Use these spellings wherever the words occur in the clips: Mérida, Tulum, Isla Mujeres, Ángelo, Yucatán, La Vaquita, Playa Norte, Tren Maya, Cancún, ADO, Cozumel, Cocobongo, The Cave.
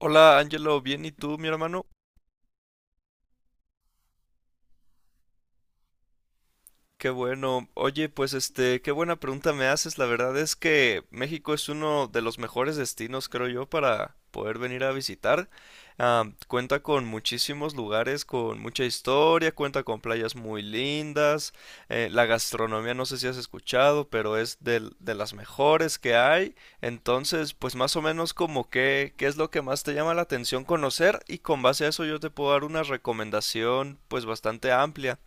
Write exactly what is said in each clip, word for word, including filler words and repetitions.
Hola Ángelo, bien, ¿y tú, mi hermano? Qué bueno. Oye, pues este, qué buena pregunta me haces. La verdad es que México es uno de los mejores destinos, creo yo, para poder venir a visitar. Ah, cuenta con muchísimos lugares, con mucha historia, cuenta con playas muy lindas. Eh, la gastronomía, no sé si has escuchado, pero es del- de las mejores que hay. Entonces, pues más o menos como que, qué es lo que más te llama la atención conocer y con base a eso yo te puedo dar una recomendación pues bastante amplia.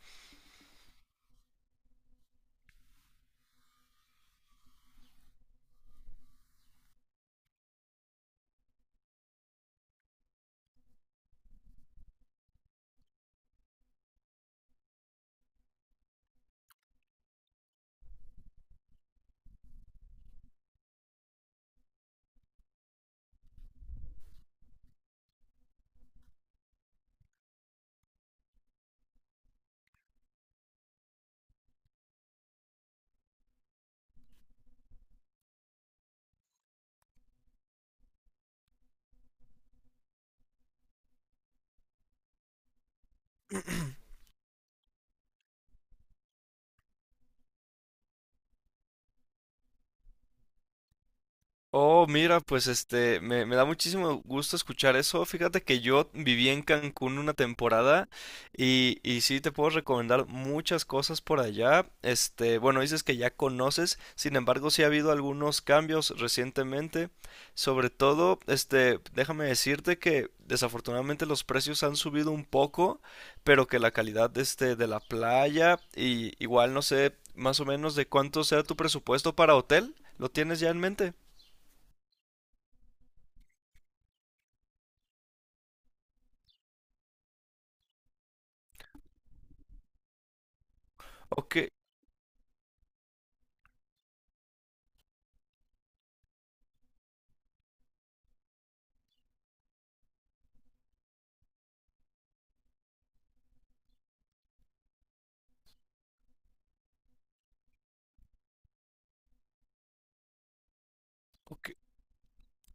Oh, mira, pues este, me, me da muchísimo gusto escuchar eso. Fíjate que yo viví en Cancún una temporada y, y sí te puedo recomendar muchas cosas por allá. Este, bueno, dices que ya conoces, sin embargo, sí ha habido algunos cambios recientemente. Sobre todo, este, déjame decirte que desafortunadamente los precios han subido un poco, pero que la calidad este, de la playa y igual no sé más o menos de cuánto sea tu presupuesto para hotel, ¿lo tienes ya en mente? Ok, ok,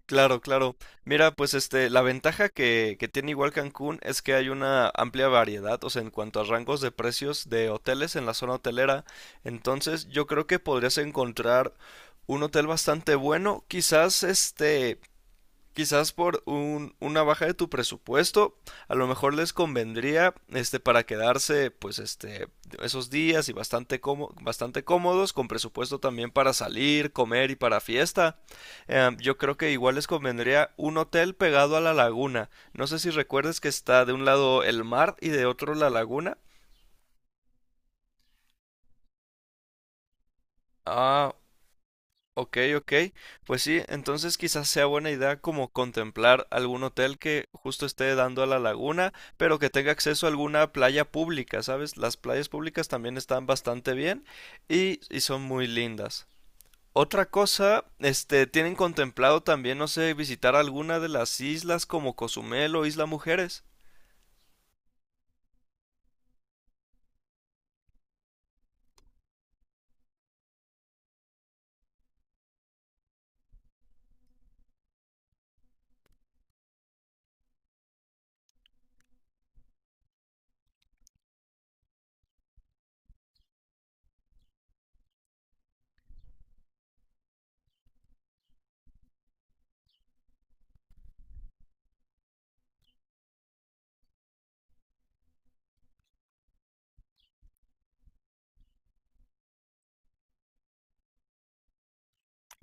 claro, claro. Mira, pues este, la ventaja que, que tiene igual Cancún es que hay una amplia variedad, o sea, en cuanto a rangos de precios de hoteles en la zona hotelera. Entonces, yo creo que podrías encontrar un hotel bastante bueno, quizás este quizás por un, una baja de tu presupuesto, a lo mejor les convendría este para quedarse pues este esos días y bastante cómo- bastante cómodos con presupuesto también para salir, comer y para fiesta. Eh, yo creo que igual les convendría un hotel pegado a la laguna. No sé si recuerdes que está de un lado el mar y de otro la laguna. Ah, Ok, ok. Pues sí, entonces quizás sea buena idea como contemplar algún hotel que justo esté dando a la laguna, pero que tenga acceso a alguna playa pública, ¿sabes? Las playas públicas también están bastante bien y, y son muy lindas. Otra cosa, este, ¿tienen contemplado también, no sé, visitar alguna de las islas como Cozumel o Isla Mujeres?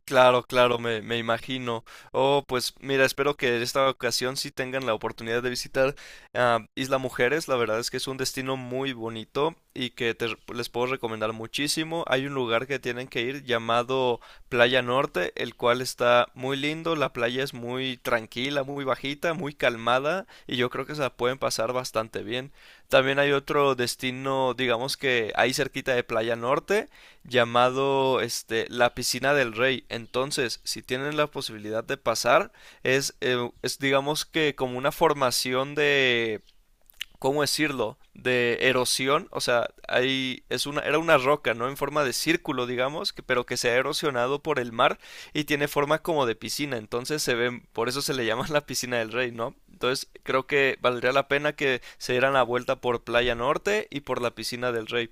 Claro, claro, me, me imagino. Oh, pues mira, espero que esta ocasión sí tengan la oportunidad de visitar ah, Isla Mujeres. La verdad es que es un destino muy bonito y que te re- les puedo recomendar muchísimo. Hay un lugar que tienen que ir llamado Playa Norte, el cual está muy lindo. La playa es muy tranquila, muy bajita, muy calmada y yo creo que se la pueden pasar bastante bien. También hay otro destino, digamos que ahí cerquita de Playa Norte llamado este la piscina del rey. Entonces, si tienen la posibilidad de pasar, es, eh, es digamos que como una formación de, ¿cómo decirlo? De erosión, o sea, hay es una era una roca, ¿no? En forma de círculo, digamos, que, pero que se ha erosionado por el mar y tiene forma como de piscina, entonces se ven, por eso se le llama la piscina del rey, ¿no? Entonces, creo que valdría la pena que se dieran la vuelta por Playa Norte y por la piscina del rey.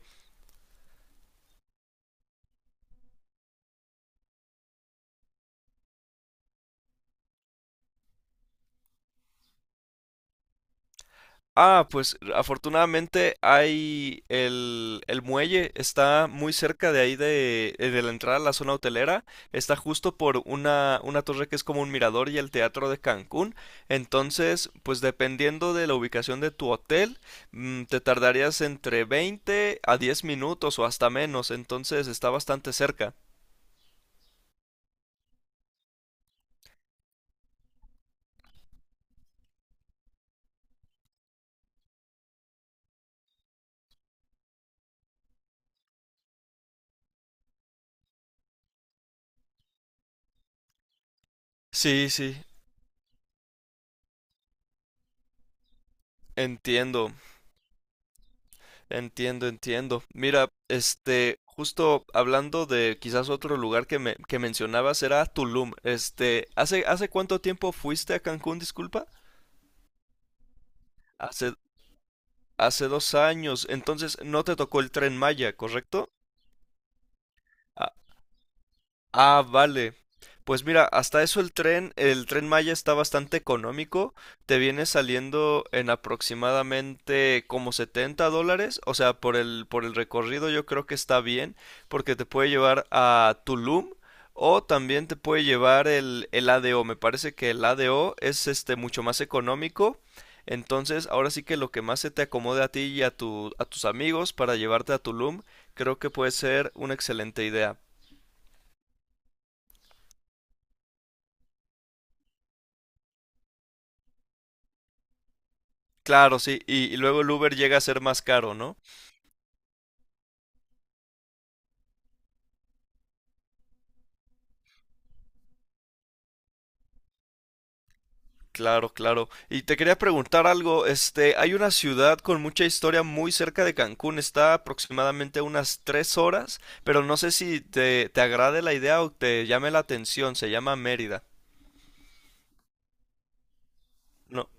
Ah, pues afortunadamente hay el, el muelle, está muy cerca de ahí de, eh, de la entrada a la zona hotelera, está justo por una, una torre que es como un mirador y el teatro de Cancún, entonces pues dependiendo de la ubicación de tu hotel, mm, te tardarías entre veinte a diez minutos o hasta menos, entonces está bastante cerca. Sí, sí, entiendo. Entiendo, entiendo. Mira, este, justo hablando de quizás otro lugar que me, que mencionabas era Tulum. Este, ¿hace, hace cuánto tiempo fuiste a Cancún, disculpa? Hace, hace dos años. Entonces, no te tocó el tren Maya, ¿correcto? Ah, ah, vale. Pues mira, hasta eso el tren, el Tren Maya está bastante económico. Te viene saliendo en aproximadamente como setenta dólares. O sea, por el, por el recorrido yo creo que está bien, porque te puede llevar a Tulum o también te puede llevar el, el A D O. Me parece que el A D O es este mucho más económico. Entonces, ahora sí que lo que más se te acomode a ti y a tu, a tus amigos para llevarte a Tulum, creo que puede ser una excelente idea. Claro, sí, y, y luego el Uber llega a ser más caro, ¿no? Claro, claro. Y te quería preguntar algo, este, hay una ciudad con mucha historia muy cerca de Cancún, está aproximadamente a unas tres horas, pero no sé si te, te agrade la idea o te llame la atención, se llama Mérida. No,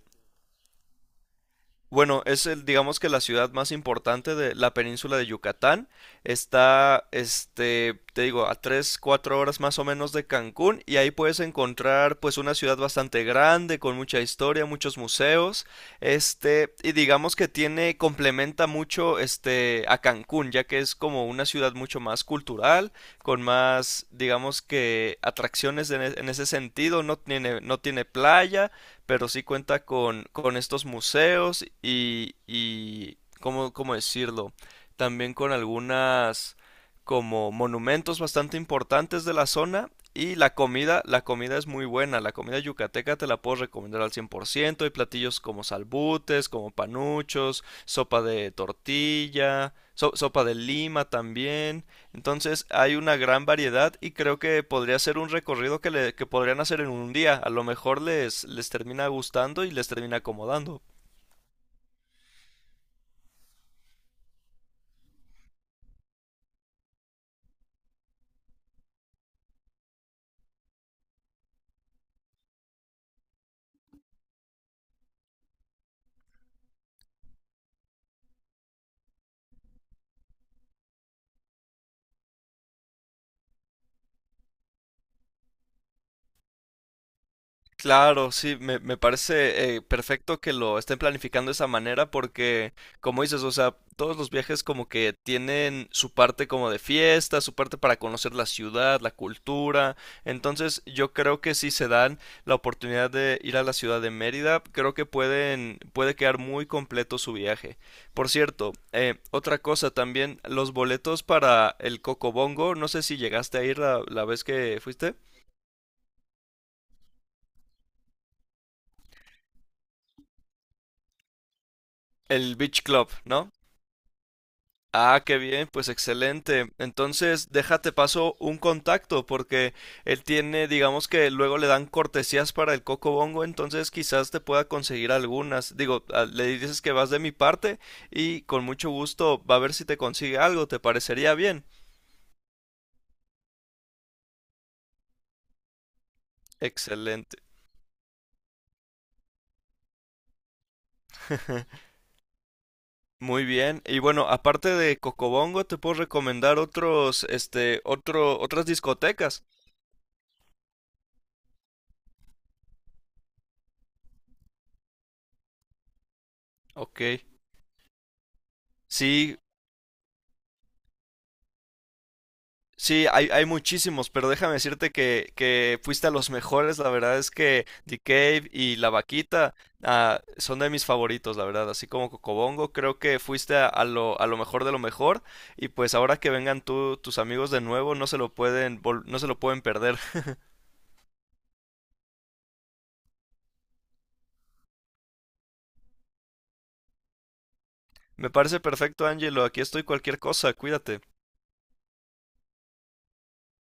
bueno, es el, digamos que la ciudad más importante de la península de Yucatán. Está, este, te digo, a tres, cuatro horas más o menos de Cancún y ahí puedes encontrar pues una ciudad bastante grande, con mucha historia, muchos museos, este, y digamos que tiene, complementa mucho este a Cancún, ya que es como una ciudad mucho más cultural, con más, digamos que atracciones en, e- en ese sentido, no tiene, no tiene playa pero sí cuenta con, con estos museos y, y ¿cómo, cómo decirlo? También con algunas como monumentos bastante importantes de la zona y la comida, la comida es muy buena, la comida yucateca te la puedo recomendar al cien por ciento, hay platillos como salbutes, como panuchos, sopa de tortilla, so- sopa de lima también, entonces hay una gran variedad y creo que podría ser un recorrido que, le- que podrían hacer en un día. A lo mejor les, les termina gustando y les termina acomodando. Claro, sí, me, me parece eh, perfecto que lo estén planificando de esa manera porque, como dices, o sea, todos los viajes como que tienen su parte como de fiesta, su parte para conocer la ciudad, la cultura. Entonces, yo creo que si se dan la oportunidad de ir a la ciudad de Mérida, creo que pueden, puede quedar muy completo su viaje. Por cierto, eh, otra cosa también, los boletos para el Cocobongo, no sé si llegaste a ir la la vez que fuiste, el Beach Club, ¿no? Ah, qué bien, pues excelente. Entonces, déjate paso un contacto porque él tiene, digamos que luego le dan cortesías para el Coco Bongo, entonces quizás te pueda conseguir algunas. Digo, ah, le dices que vas de mi parte y con mucho gusto va a ver si te consigue algo, ¿te parecería bien? Excelente. Muy bien. Y bueno, aparte de Cocobongo, te puedo recomendar otros, este, otro, otras discotecas. Ok. Sí, sí, hay, hay muchísimos, pero déjame decirte que, que fuiste a los mejores. La verdad es que The Cave y La Vaquita ah, son de mis favoritos, la verdad. Así como Cocobongo, creo que fuiste a, a lo, a lo mejor de lo mejor. Y pues ahora que vengan tú, tus amigos de nuevo, no se lo pueden, vol- no se lo pueden perder. Me parece perfecto, Angelo. Aquí estoy cualquier cosa. Cuídate.